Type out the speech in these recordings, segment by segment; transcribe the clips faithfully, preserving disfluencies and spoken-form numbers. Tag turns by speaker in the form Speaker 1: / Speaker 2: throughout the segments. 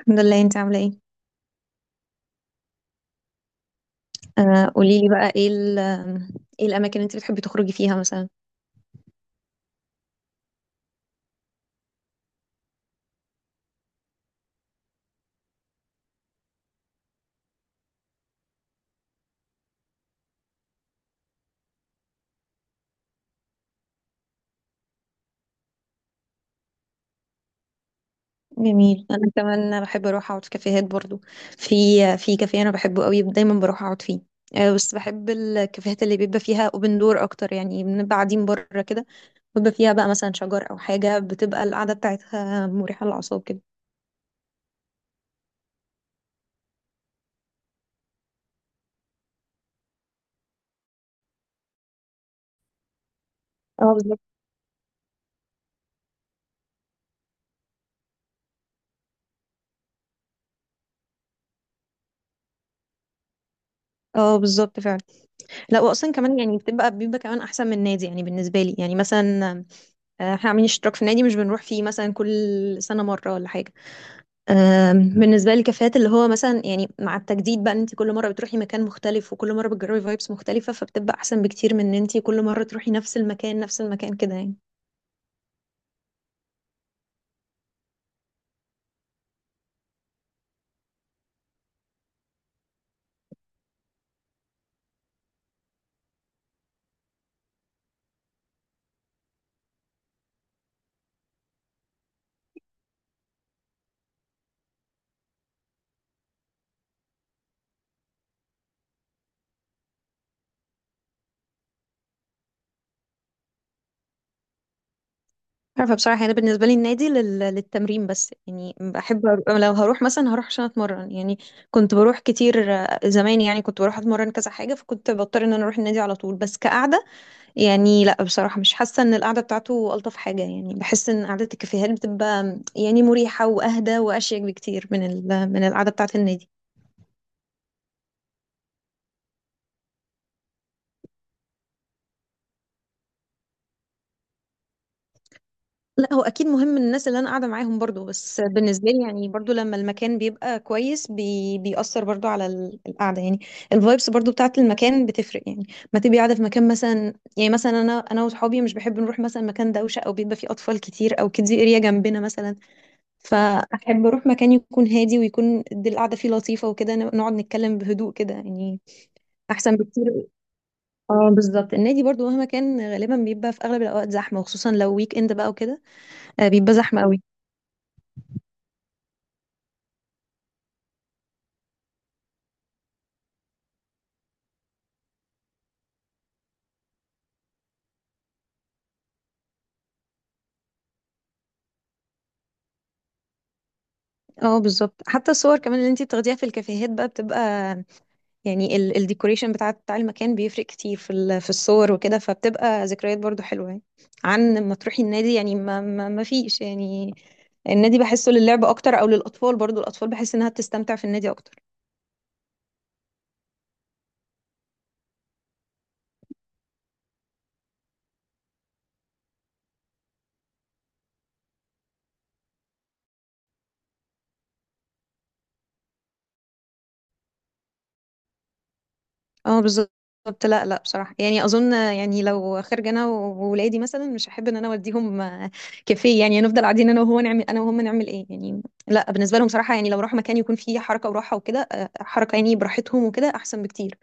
Speaker 1: الحمد لله. انت عامله ايه؟ آه قولي لي بقى ايه ال- ايه الاماكن اللي انت بتحبي تخرجي فيها مثلا؟ جميل، انا كمان بحب اروح اقعد في كافيهات برضو. في في كافيه انا بحبه قوي دايما بروح اقعد فيه. آه بس بحب الكافيهات اللي بيبقى فيها اوبن دور اكتر، يعني بنبقى قاعدين بره كده، بيبقى فيها بقى مثلا شجر او حاجه، بتبقى القعده بتاعتها مريحه للاعصاب كده. اه، بالظبط. اه، بالظبط فعلا. لا، واصلا كمان يعني بتبقى بيبقى كمان احسن من النادي يعني، بالنسبه لي يعني مثلا، آه، احنا عاملين اشتراك في النادي مش بنروح فيه مثلا كل سنه مره ولا حاجه. آم، بالنسبه لي كفايات اللي هو مثلا يعني مع التجديد بقى ان انت كل مره بتروحي مكان مختلف وكل مره بتجربي فايبس مختلفه، فبتبقى احسن بكتير من ان انت كل مره تروحي نفس المكان نفس المكان كده يعني. عارفه بصراحه، يعني انا بالنسبه لي النادي لل... للتمرين بس يعني، بحب أر- لو هروح مثلا هروح عشان اتمرن يعني. كنت بروح كتير آه، زمان يعني، كنت بروح اتمرن كذا حاجه، فكنت بضطر ان انا اروح النادي على طول. بس كقعده يعني، لا بصراحة مش حاسة ان القعدة بتاعته ألطف حاجة، يعني بحس ان قعدة الكافيهات بتبقى يعني مريحة وأهدى وأشيك بكتير من ال- من القعدة بتاعة النادي. لا، هو أكيد مهم الناس اللي أنا قاعدة معاهم برضو، بس بالنسبة لي يعني برضو لما المكان بيبقى كويس بي بيأثر برضو على ال- القعدة يعني. الفايبس برضو بتاعة المكان بتفرق يعني. ما تبقي قاعدة في مكان مثلا، يعني مثلا، أنا أنا وصحابي مش بحب نروح مثلا مكان دوشة أو بيبقى فيه أطفال كتير أو كيدز اريا جنبنا مثلا. فأحب أروح مكان يكون هادي، ويكون دي القعدة فيه لطيفة وكده، ن- نقعد نتكلم بهدوء كده يعني. أحسن بكتير. اه، بالظبط، النادي برضو مهما كان غالبا بيبقى في أغلب الأوقات زحمة، وخصوصا لو ويك إند بقى وكده. آه، بيبقى زحمة قوي. اه بالظبط، حتى الصور كمان اللي انتي بتاخديها في الكافيهات بقى بتبقى، يعني ال الديكوريشن بتاع بتاع المكان بيفرق كتير في ال في الصور وكده، فبتبقى ذكريات برضو حلوة يعني، عن ما تروحي النادي يعني، ما ما ما فيش يعني. النادي بحسه للعب اكتر او للاطفال، برضو الاطفال بحس انها بتستمتع في النادي اكتر. اه بالظبط. لا لا بصراحة يعني، أظن يعني لو خارجة أنا وولادي مثلا مش هحب إن أنا أوديهم آه، كافيه يعني، نفضل قاعدين أنا وهو نعمل، أنا وهم نعمل إيه يعني؟ لا، بالنسبة لهم صراحة يعني، لو راحوا مكان يكون فيه حركة وراحة وكده، آه، حركة يعني براحتهم وكده أحسن بكتير.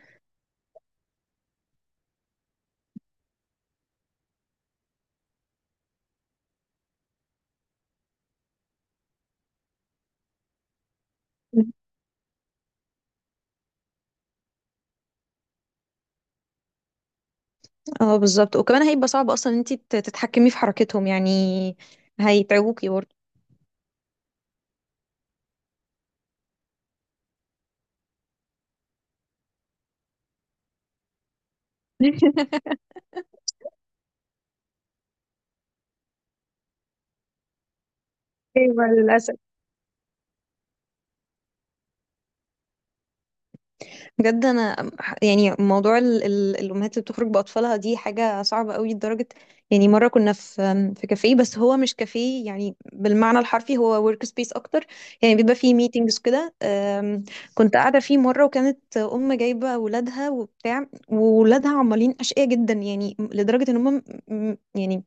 Speaker 1: اه بالظبط، وكمان هيبقى صعب أصلا إن أنت تتحكمي في حركتهم يعني، هيتعبوكي برضه. ايوه، للاسف. بجد انا ح- يعني موضوع ال- ال- الامهات اللي بتخرج باطفالها دي حاجه صعبه قوي لدرجه، يعني مره كنا في في كافيه، بس هو مش كافيه يعني بالمعنى الحرفي، هو ورك سبيس اكتر، يعني بيبقى فيه ميتينجز كده. أم، كنت قاعده فيه مره، وكانت ام جايبه ولادها وبتاع، وولادها عمالين اشقياء جدا يعني لدرجه ان هم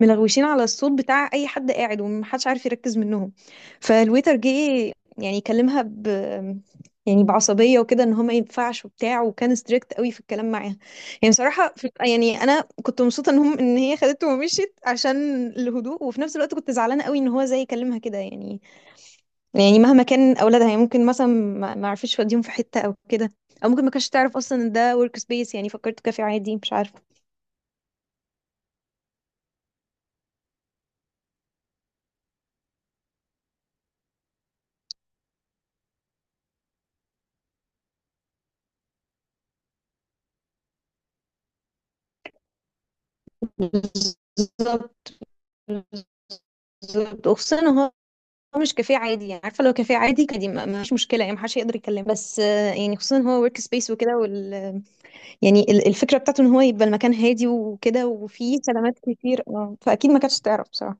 Speaker 1: ملغوشين على الصوت بتاع اي حد قاعد ومحدش عارف يركز منهم. فالويتر جه يعني كلمها ب يعني بعصبيه وكده، ان هو ما ينفعش وبتاع، وكان ستريكت قوي في الكلام معاها. يعني بصراحه في يعني انا كنت مبسوطه ان هم ان هي خدته ومشيت عشان الهدوء، وفي نفس الوقت كنت زعلانه قوي ان هو زي كلمها كده يعني. يعني مهما كان اولادها يعني، ممكن مثلا ما ما عرفش يوديهم في حته او كده، او ممكن ما كانش تعرف اصلا ان ده ورك سبيس يعني، فكرته كافي عادي مش عارفه. بالظبط. بالضبط، وخصوصًا إن هو مش كافيه عادي، يعني عارفة لو كافيه عادي كان دي ما ما فيش مشكلة يعني، ما حدش هيقدر يكلمه، بس آه، يعني خصوصًا إن هو work space وكده وال يعني ال الفكرة بتاعته إن هو يبقى المكان هادي وكده وفيه خدمات كتير، آه، فأكيد ما كانتش تعرف بصراحة.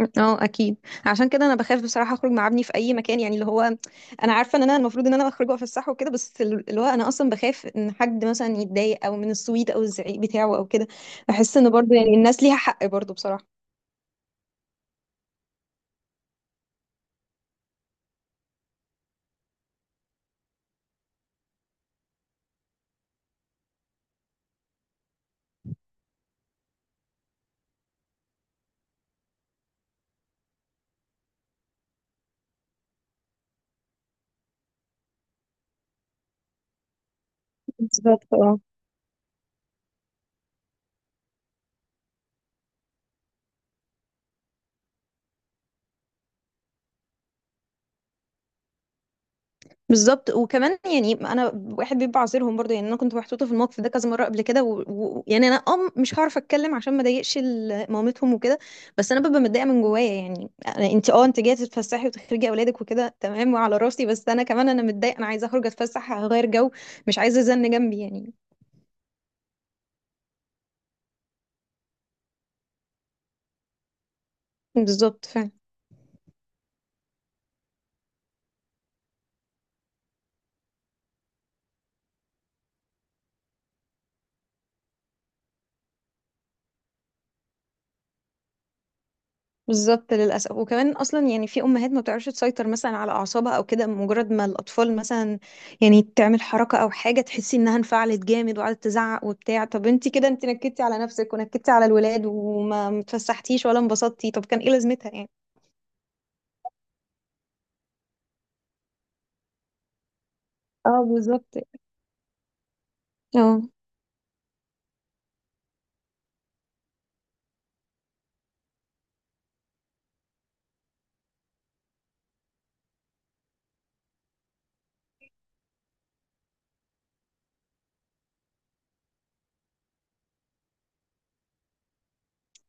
Speaker 1: امم، آه أكيد، عشان كده أنا باخاف بصراحة أخرج مع ابني في أي مكان، يعني اللي هو أنا عارفة إن أنا المفروض إن أنا باخرج وأفسحه الصح وكده، بس ال اللي هو أنا أصلًا باخاف إن حد مثلًا يتضايق أو من الصويت أو الزعيق بتاعه أو كده، باحس إن برضه يعني الناس ليها حق برضه بصراحة. بالضبط، آه. بالظبط وكمان يعني انا واحد بيبقى عذرهم برضه، يعني انا كنت محطوطه في الموقف ده كذا مره قبل كده و... و... يعني انا ام مش هعرف اتكلم عشان ما اضايقش ال- مامتهم وكده. بس انا ببقى متضايقه من جوايا يعني، أنا... انت اه انت جايه تتفسحي وتخرجي اولادك وكده تمام وعلى راسي، بس انا كمان انا متضايقه انا عايزه اخرج اتفسح اغير جو، مش عايزه زن جنبي يعني. بالظبط. بالظبط للأسف، وكمان أصلا يعني في أمهات ما بتعرفش تسيطر مثلا على أعصابها أو كده، مجرد ما الأطفال مثلا يعني تعمل حركة أو حاجة تحسي إنها انفعلت جامد وقعدت تزعق وبتاع، طب أنت كده أنت نكدتي على نفسك ونكدتي على الولاد وما متفسحتيش ولا انبسطتي، طب كان إيه لازمتها يعني؟ اه بالظبط. اه،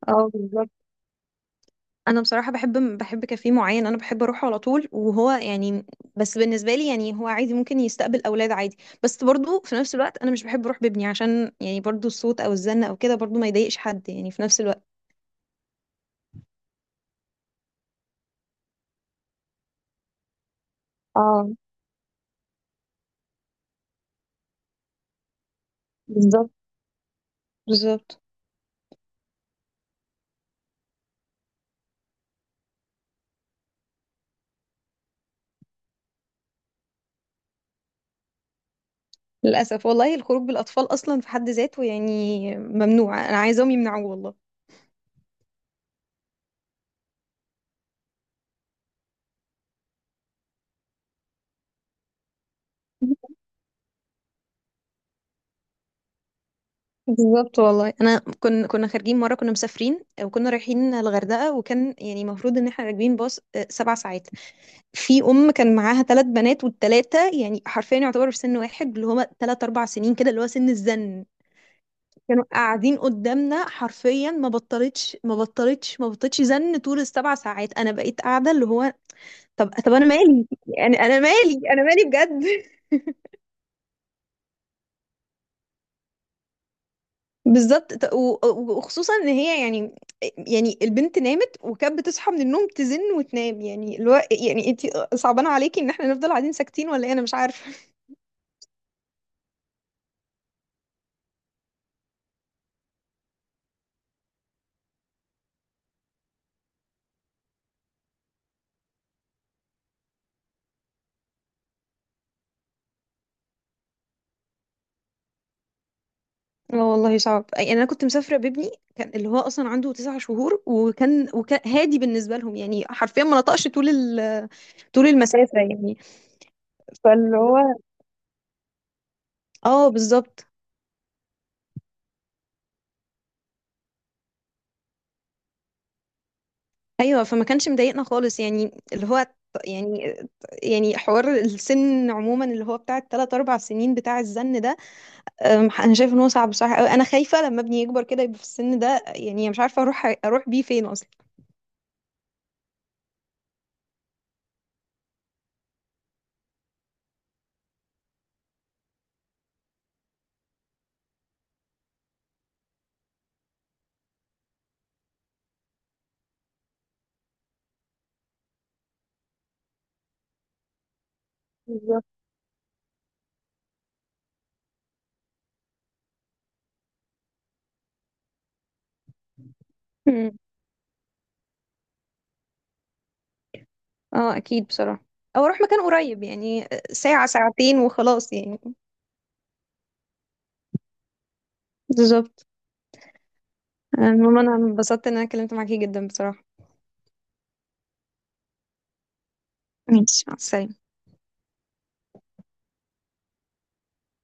Speaker 1: اه بالظبط، انا بصراحه بحب بحب كافيه معين، انا بحب اروحه على طول، وهو يعني بس بالنسبه لي يعني هو عادي ممكن يستقبل اولاد عادي، بس برضو في نفس الوقت انا مش بحب اروح بابني عشان يعني برضو الصوت او الزن او كده، برضو ما يضايقش حد يعني في نفس الوقت. اه بالظبط. بالظبط، للاسف والله الخروج بالاطفال اصلا في حد ذاته يعني ممنوع، انا عايزاهم يمنعوه والله. بالظبط والله، انا كنا كنا خارجين مره، كنا مسافرين وكنا رايحين الغردقه، وكان يعني المفروض ان احنا راكبين باص آه، سبع ساعات. في ام كان معاها ثلاث بنات، والثلاثه يعني حرفيا يعتبروا في سن واحد، اللي هما ثلاث اربع سنين كده، اللي هو سن الزن. كانوا قاعدين قدامنا حرفيا ما بطلتش ما بطلتش ما بطلتش زن طول السبع ساعات، انا بقيت قاعده اللي هو، طب طب انا مالي، يعني انا مالي، انا مالي بجد. بالظبط ط- و- و- وخصوصا ان هي يعني، يعني البنت نامت وكانت بتصحى من النوم تزن وتنام، يعني اللي هو يعني انت صعبان عليكي ان احنا نفضل قاعدين ساكتين ولا ايه، انا مش عارفه. لا والله صعب، يعني انا كنت مسافره بابني كان اللي هو اصلا عنده تسع شهور، وكان وكان هادي بالنسبه لهم يعني حرفيا ما نطقش طول ال... طول المسافه يعني، فاللي هو اه بالظبط. ايوه، فما كانش مضايقنا خالص يعني اللي هو ط- يعني يعني حوار السن عموما اللي هو بتاع الثلاث اربع سنين بتاع الزن ده. أم، انا شايف ان هو صعب بصراحه قوي، انا خايفه لما ابني يكبر كده يبقى في السن ده، يعني مش عارفه اروح اروح بيه فين اصلا. بالظبط. اه اكيد بصراحة. او اروح مكان قريب يعني ساعة ساعتين وخلاص يعني. بالظبط. المهم انا انبسطت ان انا اتكلمت معاكي جدا بصراحة. ماشي، مع السلامة.